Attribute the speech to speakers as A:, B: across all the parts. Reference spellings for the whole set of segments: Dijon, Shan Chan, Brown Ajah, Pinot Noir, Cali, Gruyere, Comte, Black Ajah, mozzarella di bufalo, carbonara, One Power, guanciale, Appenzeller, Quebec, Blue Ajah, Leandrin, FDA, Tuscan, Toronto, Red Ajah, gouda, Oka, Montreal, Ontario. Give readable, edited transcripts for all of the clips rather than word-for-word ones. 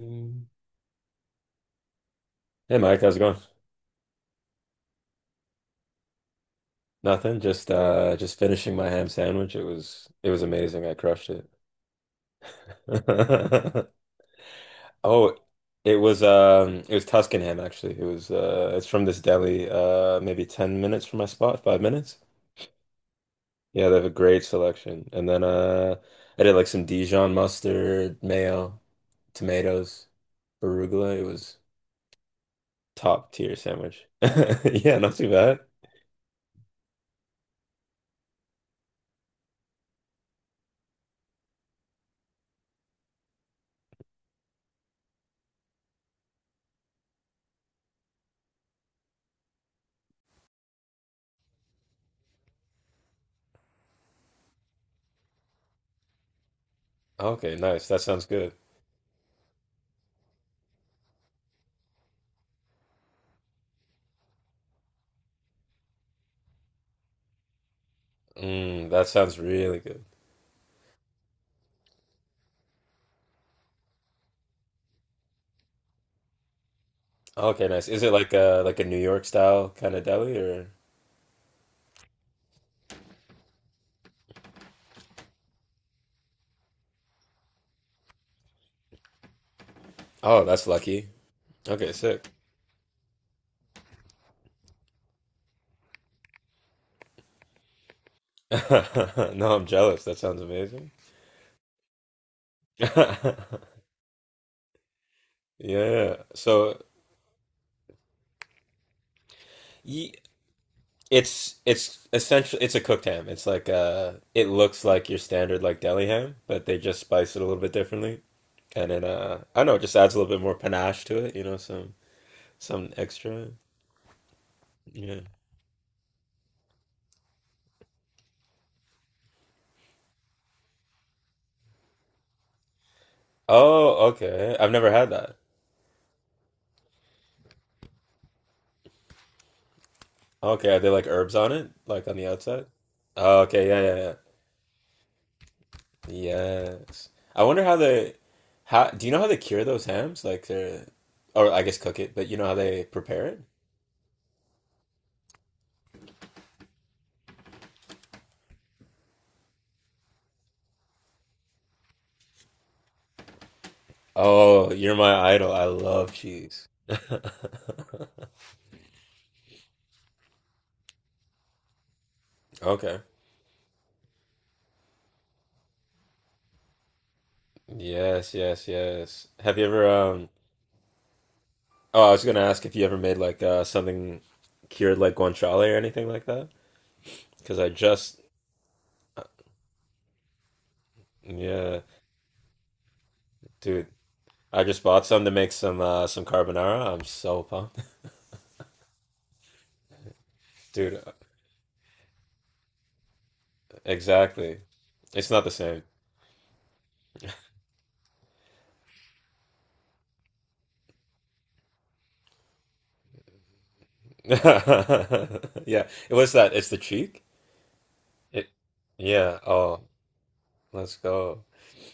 A: Mm. Hey Mike, how's it going? Nothing, just finishing my ham sandwich. It was amazing. I crushed it. Oh, it was Tuscan ham actually. It was it's from this deli maybe 10 minutes from my spot, 5 minutes. Yeah, they have a great selection. And then I did like some Dijon mustard, mayo, tomatoes, arugula. It was top tier sandwich. Yeah, not too bad. Okay, nice. That sounds good. Mm, that sounds really good. Oh, okay, nice. Is it like a New York style kind of deli or? Oh, that's lucky. Okay, sick. No, I'm jealous. That sounds amazing. Yeah. So ye it's essentially it's a cooked ham. It's like it looks like your standard like deli ham, but they just spice it a little bit differently. And then I don't know, it just adds a little bit more panache to it, you know, some extra. Yeah. Oh, okay. I've never had. Okay, are there like herbs on it? Like on the outside? Oh, okay, yeah, yeah, yeah. Yes. I wonder how they, how do you know how they cure those hams? Like they're, or I guess cook it, but you know how they prepare it? Oh, you're my idol. I love cheese. Okay. Yes, yes, yes. Have you ever oh, I was gonna ask if you ever made like something cured like guanciale or anything like that? Because I just uh, yeah, dude. I just bought some to make some carbonara. I'm so pumped. Dude. Exactly. It's not the same. Yeah, it was that. It's the cheek. It. Yeah. Oh, let's go.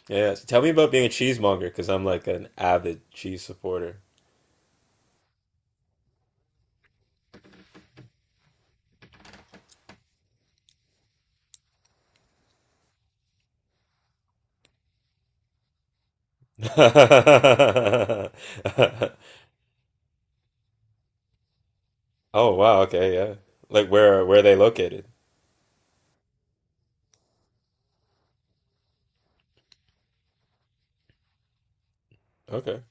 A: Yeah. So tell me about being a cheesemonger because I'm like an avid cheese supporter. Oh wow. Okay. Yeah. Like where are they located? Okay.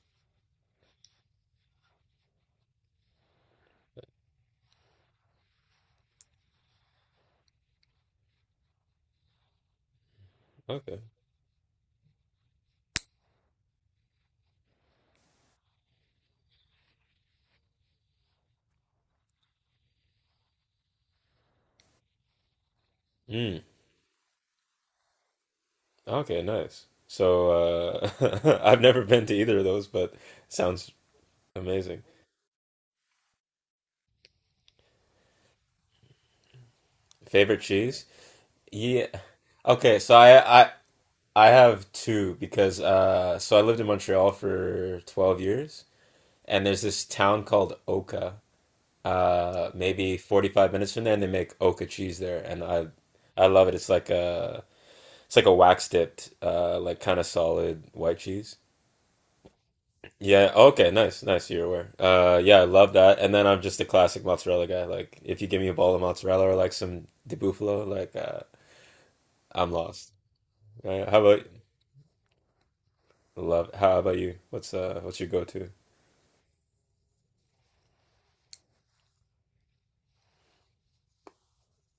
A: Okay. Mm. Okay. Nice. So I've never been to either of those, but sounds amazing. Favorite cheese? Yeah. Okay, so I I have two because so I lived in Montreal for 12 years and there's this town called Oka. Maybe 45 minutes from there and they make Oka cheese there and I love it. It's like a wax dipped like kind of solid white cheese. Yeah, okay, nice. Nice you're aware. Yeah, I love that. And then I'm just a classic mozzarella guy. Like if you give me a ball of mozzarella or like some di bufalo, like I'm lost. Right? How about. Love it. How about you? What's your go-to?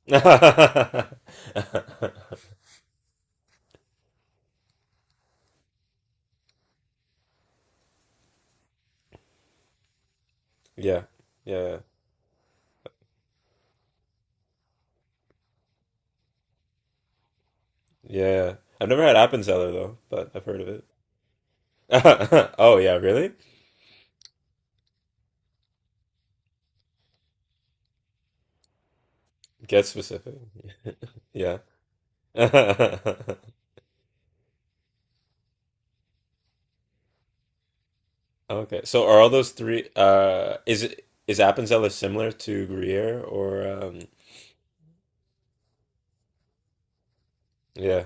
A: Yeah. Yeah. Yeah. I've never had Appenzeller though, but I've heard of it. Oh yeah, really? Get specific. Yeah. Okay. So are all those three is it is Appenzeller similar to Gruyere or yeah.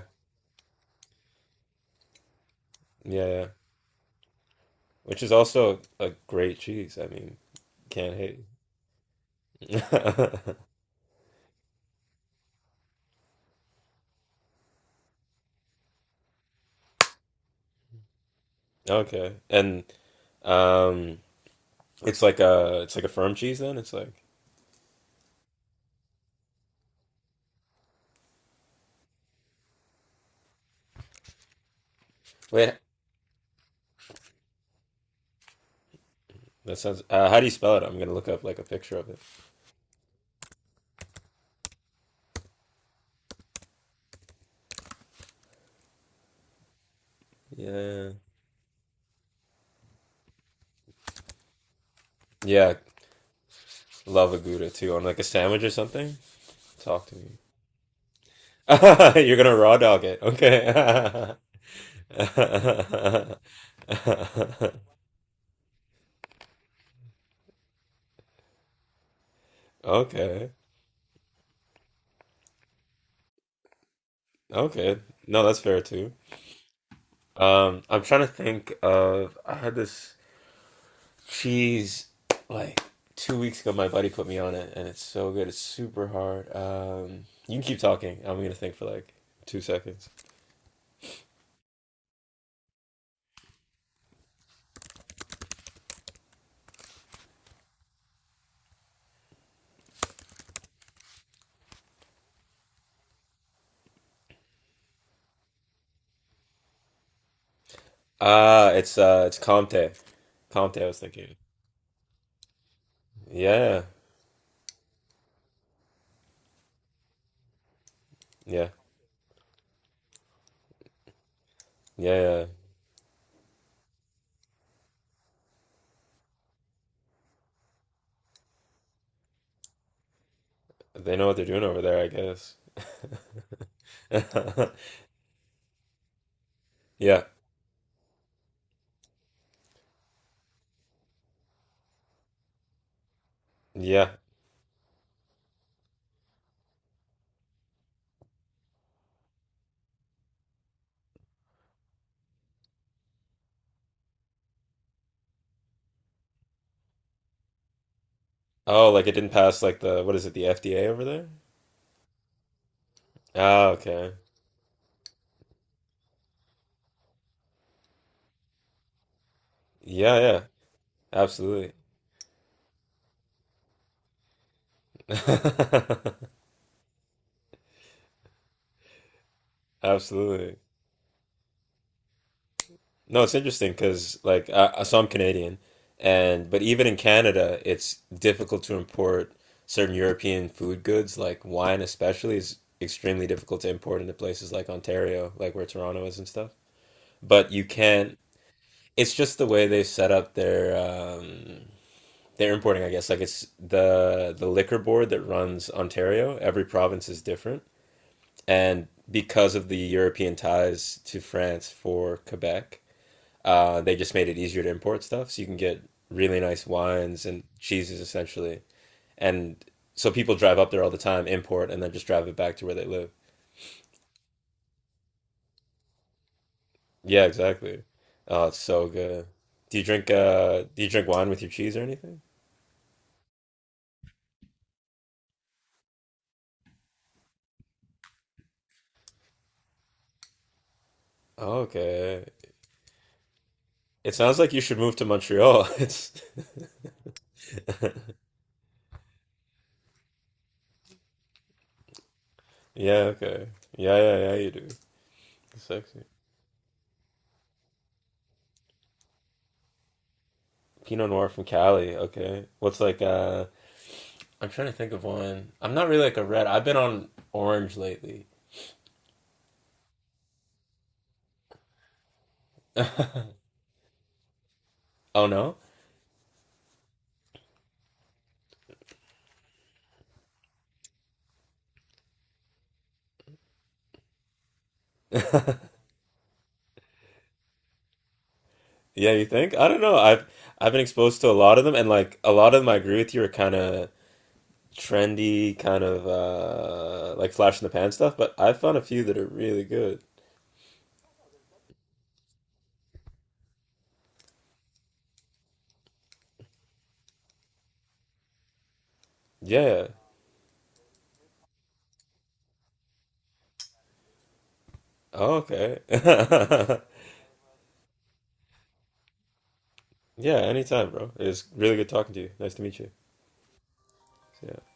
A: Yeah, yeah. Which is also a great cheese. I mean, can't hate. Okay. And um it's like a it's like a firm cheese then. It's like, wait, that sounds. How do you spell it? I'm gonna look up like a picture of it. Yeah, yeah, love a gouda too on like a sandwich or something. Talk to me. You're gonna raw dog it, okay? Okay, okay. No, that's fair too. I'm trying to think of. I had this. She's like 2 weeks ago. My buddy put me on it, and it's so good. It's super hard. You can keep talking. I'm gonna think for like 2 seconds. Ah, it's Comte. Comte. I was thinking. Yeah, yeah, yeah, yeah. They know what they're doing over there, I guess. Yeah, yeah. Oh, like it didn't pass like the what is it, the FDA over there? Ah, okay. Yeah, yeah. Absolutely. Absolutely. No, it's interesting because like I, so I'm Canadian, and but even in Canada, it's difficult to import certain European food goods, like wine especially, is extremely difficult to import into places like Ontario, like where Toronto is and stuff. But you can. It's just the way they set up their importing, I guess. Like it's the liquor board that runs Ontario. Every province is different, and because of the European ties to France for Quebec. They just made it easier to import stuff, so you can get really nice wines and cheeses essentially. And so people drive up there all the time, import, and then just drive it back to where they live. Yeah, exactly. Oh, it's so good. Do you drink wine with your cheese or anything? Okay. It sounds like you should move to Montreal. It's. Yeah, okay. Yeah, yeah, yeah, you do. Sexy. Pinot Noir from Cali, okay. What's like uh. I'm trying to think of one. I'm not really like a red. I've been on orange lately. Oh no? Yeah, you think? I don't know. I've been exposed to a lot of them, and like a lot of them, I agree with you, are kind of trendy, kind of like flash in the pan stuff. But I found a few that are really good. Yeah. Oh, okay. Yeah. Anytime, bro. It was really good talking to you. Nice to meet you. Yeah.